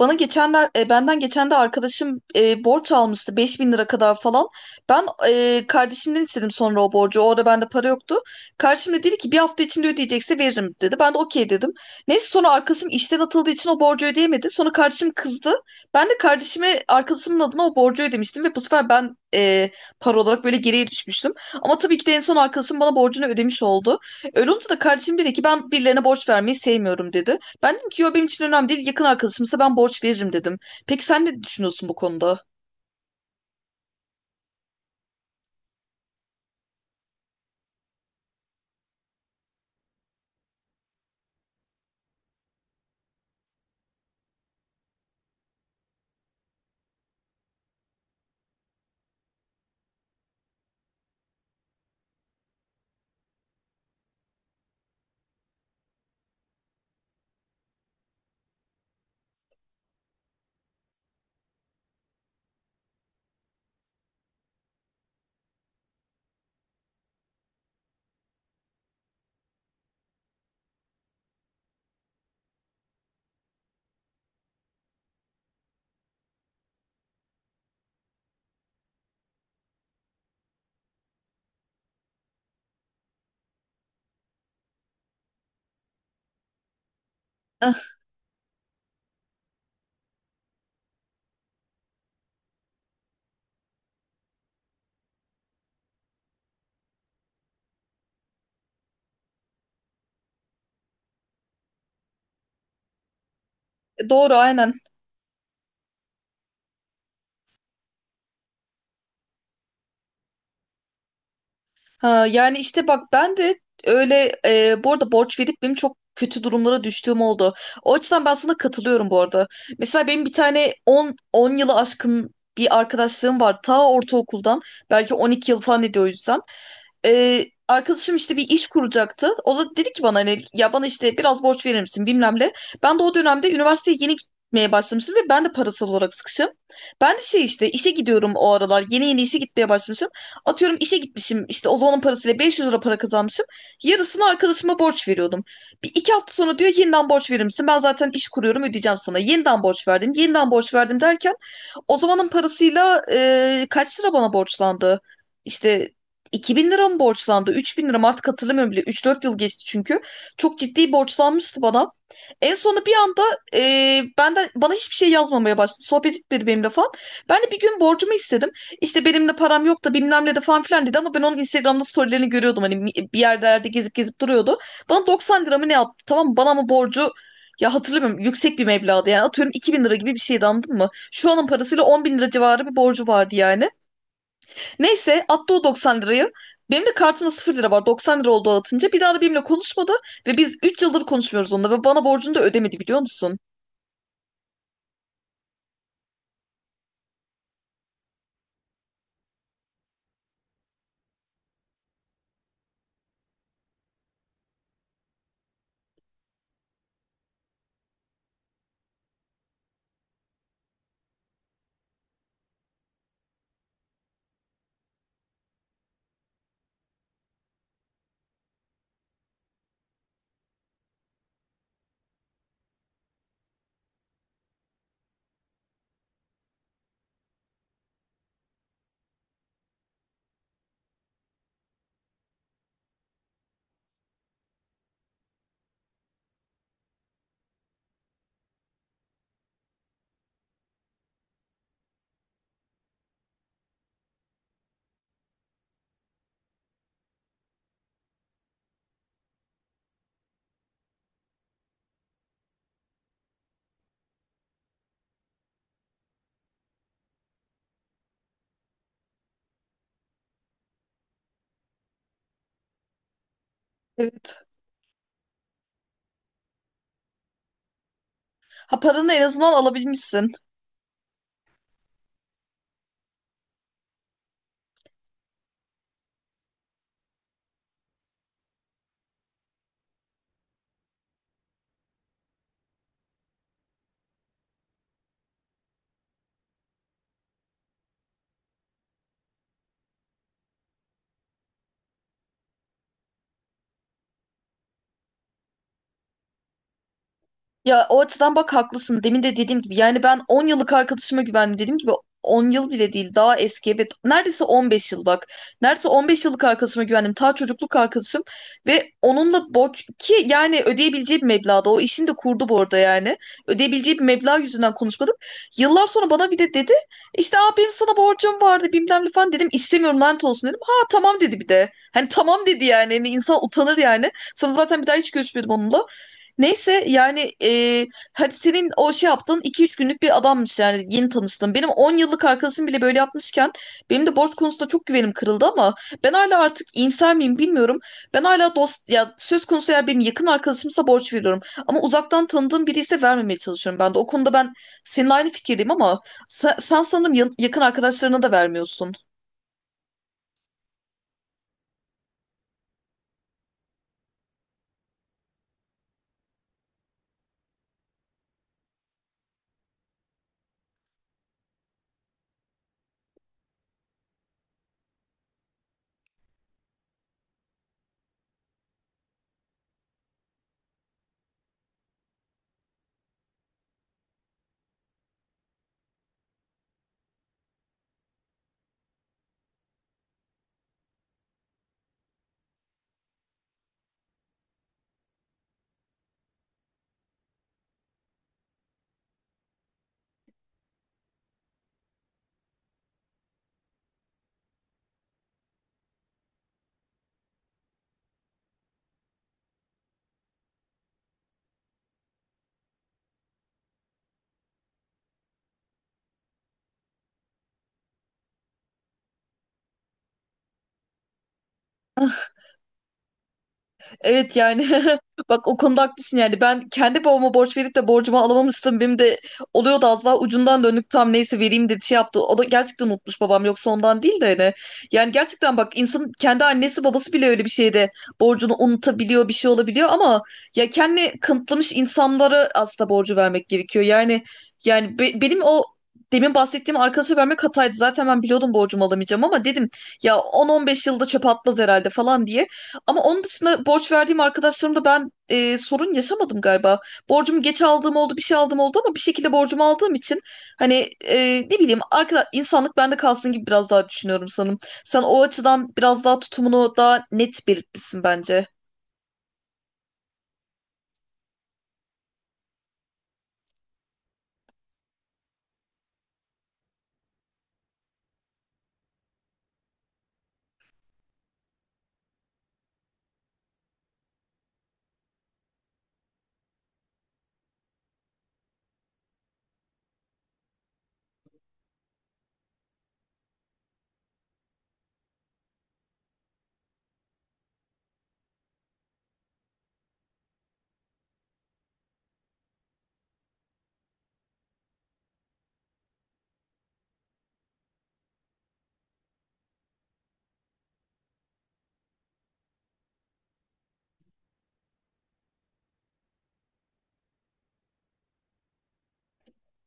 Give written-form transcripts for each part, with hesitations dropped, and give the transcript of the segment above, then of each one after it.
Bana geçenler, benden geçen de arkadaşım, borç almıştı 5.000 lira kadar falan. Ben kardeşimden istedim sonra o borcu. O ara bende para yoktu. Kardeşim de dedi ki, bir hafta içinde ödeyecekse veririm dedi. Ben de okey dedim. Neyse, sonra arkadaşım işten atıldığı için o borcu ödeyemedi. Sonra kardeşim kızdı. Ben de kardeşime arkadaşımın adına o borcu ödemiştim ve bu sefer ben, para olarak böyle geriye düşmüştüm. Ama tabii ki de en son arkadaşım bana borcunu ödemiş oldu. Öyle olunca da kardeşim dedi ki, ben birilerine borç vermeyi sevmiyorum dedi. Ben dedim ki, yo, benim için önemli değil, yakın arkadaşımsa ben borç veririm dedim. Peki sen ne düşünüyorsun bu konuda? Eh, doğru, aynen. Ha, yani işte bak, ben de öyle, bu arada borç verip benim çok kötü durumlara düştüğüm oldu. O açıdan ben sana katılıyorum bu arada. Mesela benim bir tane 10 yılı aşkın bir arkadaşlığım var. Ta ortaokuldan, belki 12 yıl falan ediyor o yüzden. Arkadaşım işte bir iş kuracaktı. O da dedi ki bana, hani ya bana işte biraz borç verir misin, bilmem ne. Ben de o dönemde üniversiteye yeni gitmeye başlamıştım ve ben de parasal olarak sıkışım. Ben de şey, işte işe gidiyorum o aralar. Yeni yeni işe gitmeye başlamışım. Atıyorum, işe gitmişim işte o zamanın parasıyla 500 lira para kazanmışım. Yarısını arkadaşıma borç veriyordum. Bir iki hafta sonra diyor, yeniden borç verir misin? Ben zaten iş kuruyorum, ödeyeceğim sana. Yeniden borç verdim, yeniden borç verdim derken o zamanın parasıyla, kaç lira bana borçlandı? İşte 2000 lira mı borçlandı, 3000 lira mı, artık hatırlamıyorum bile. 3-4 yıl geçti çünkü. Çok ciddi borçlanmıştı bana. En sonu bir anda, e, benden bana hiçbir şey yazmamaya başladı. Sohbet etmedi benimle falan. Ben de bir gün borcumu istedim. İşte, benimle param yok da bilmem ne de falan filan dedi, ama ben onun Instagram'da storylerini görüyordum. Hani bir yerlerde gezip gezip duruyordu. Bana 90 lira mı ne attı, tamam mı? Bana ama borcu, ya hatırlamıyorum, yüksek bir meblağdı yani, atıyorum 2.000 lira gibi bir şeydi, anladın mı? Şu anın parasıyla 10 bin lira civarı bir borcu vardı yani. Neyse, attı o 90 lirayı. Benim de kartımda 0 lira var. 90 lira oldu atınca. Bir daha da benimle konuşmadı ve biz 3 yıldır konuşmuyoruz onunla ve bana borcunu da ödemedi, biliyor musun? Evet. Ha, paranı en azından alabilmişsin. Ya, o açıdan bak haklısın. Demin de dediğim gibi, yani ben 10 yıllık arkadaşıma güvendim. Dediğim gibi 10 yıl bile değil, daha eski, evet, neredeyse 15 yıl bak. Neredeyse 15 yıllık arkadaşıma güvendim. Ta çocukluk arkadaşım ve onunla borç ki, yani ödeyebileceği bir meblağda, o işini de kurdu bu arada yani. Ödeyebileceği bir meblağ yüzünden konuşmadık. Yıllar sonra bana bir de dedi işte, abi benim sana borcum vardı bilmem ne falan, dedim istemiyorum, lanet olsun dedim. Ha, tamam dedi bir de. Hani tamam dedi yani. Hani insan utanır yani. Sonra zaten bir daha hiç görüşmedim onunla. Neyse yani, hadi senin o şey yaptığın 2-3 günlük bir adammış yani, yeni tanıştım Benim 10 yıllık arkadaşım bile böyle yapmışken benim de borç konusunda çok güvenim kırıldı, ama ben hala artık iyimser miyim bilmiyorum. Ben hala dost ya söz konusu, eğer benim yakın arkadaşımsa borç veriyorum. Ama uzaktan tanıdığım biri ise vermemeye çalışıyorum ben de. O konuda ben seninle aynı fikirdeyim, ama sen sanırım yakın arkadaşlarına da vermiyorsun. Evet yani, bak, o konuda haklısın yani. Ben kendi babama borç verip de borcumu alamamıştım, benim de oluyordu az daha, ucundan dönük tam, neyse, vereyim dedi, şey yaptı, o da gerçekten unutmuş babam, yoksa ondan değil de, hani yani gerçekten bak, insanın kendi annesi babası bile öyle bir şeyde borcunu unutabiliyor, bir şey olabiliyor, ama ya kendi kanıtlamış insanlara aslında borcu vermek gerekiyor yani. Yani benim o demin bahsettiğim arkadaşa vermek hataydı. Zaten ben biliyordum borcumu alamayacağım, ama dedim, ya 10-15 yılda çöpe atmaz herhalde falan diye. Ama onun dışında borç verdiğim arkadaşlarımda ben, sorun yaşamadım galiba. Borcumu geç aldığım oldu, bir şey aldığım oldu, ama bir şekilde borcumu aldığım için hani, ne bileyim, arkadaş, insanlık bende kalsın gibi biraz daha düşünüyorum sanırım. Sen o açıdan biraz daha tutumunu daha net belirtmişsin bence.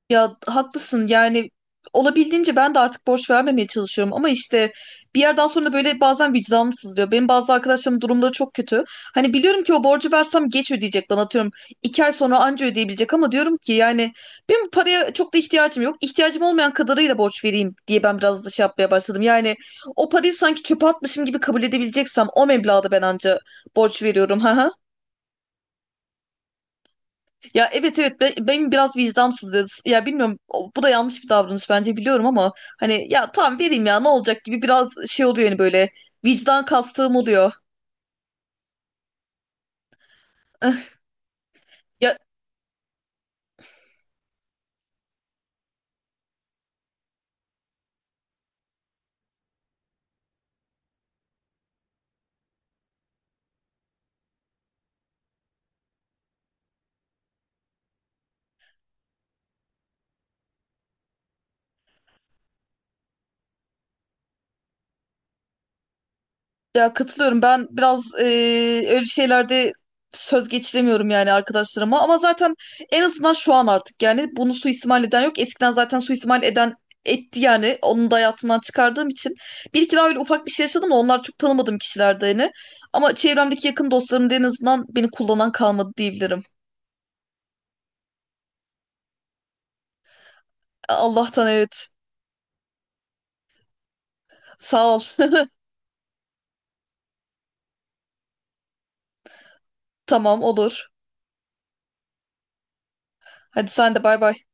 Ya haklısın yani, olabildiğince ben de artık borç vermemeye çalışıyorum, ama işte bir yerden sonra böyle bazen vicdanım sızlıyor. Benim bazı arkadaşlarımın durumları çok kötü. Hani biliyorum ki o borcu versem geç ödeyecek bana, atıyorum 2 ay sonra anca ödeyebilecek, ama diyorum ki yani benim bu paraya çok da ihtiyacım yok. İhtiyacım olmayan kadarıyla borç vereyim diye ben biraz da şey yapmaya başladım. Yani o parayı sanki çöpe atmışım gibi kabul edebileceksem o meblağda ben anca borç veriyorum. Ya, evet evet, benim biraz vicdansızlığı, ya bilmiyorum, bu da yanlış bir davranış bence, biliyorum, ama hani ya, tamam vereyim, ya ne olacak gibi biraz şey oluyor yani, böyle vicdan kastığım oluyor. Ya Ya katılıyorum. Ben biraz öyle şeylerde söz geçiremiyorum yani arkadaşlarıma. Ama zaten en azından şu an artık yani bunu suistimal eden yok. Eskiden zaten suistimal eden etti yani. Onu da hayatımdan çıkardığım için. Bir iki daha öyle ufak bir şey yaşadım da onlar çok tanımadığım kişilerdi yani. Ama çevremdeki yakın dostlarım da en azından beni kullanan kalmadı diyebilirim. Allah'tan evet. Sağ ol. Tamam, olur. Hadi sen de, bay bay.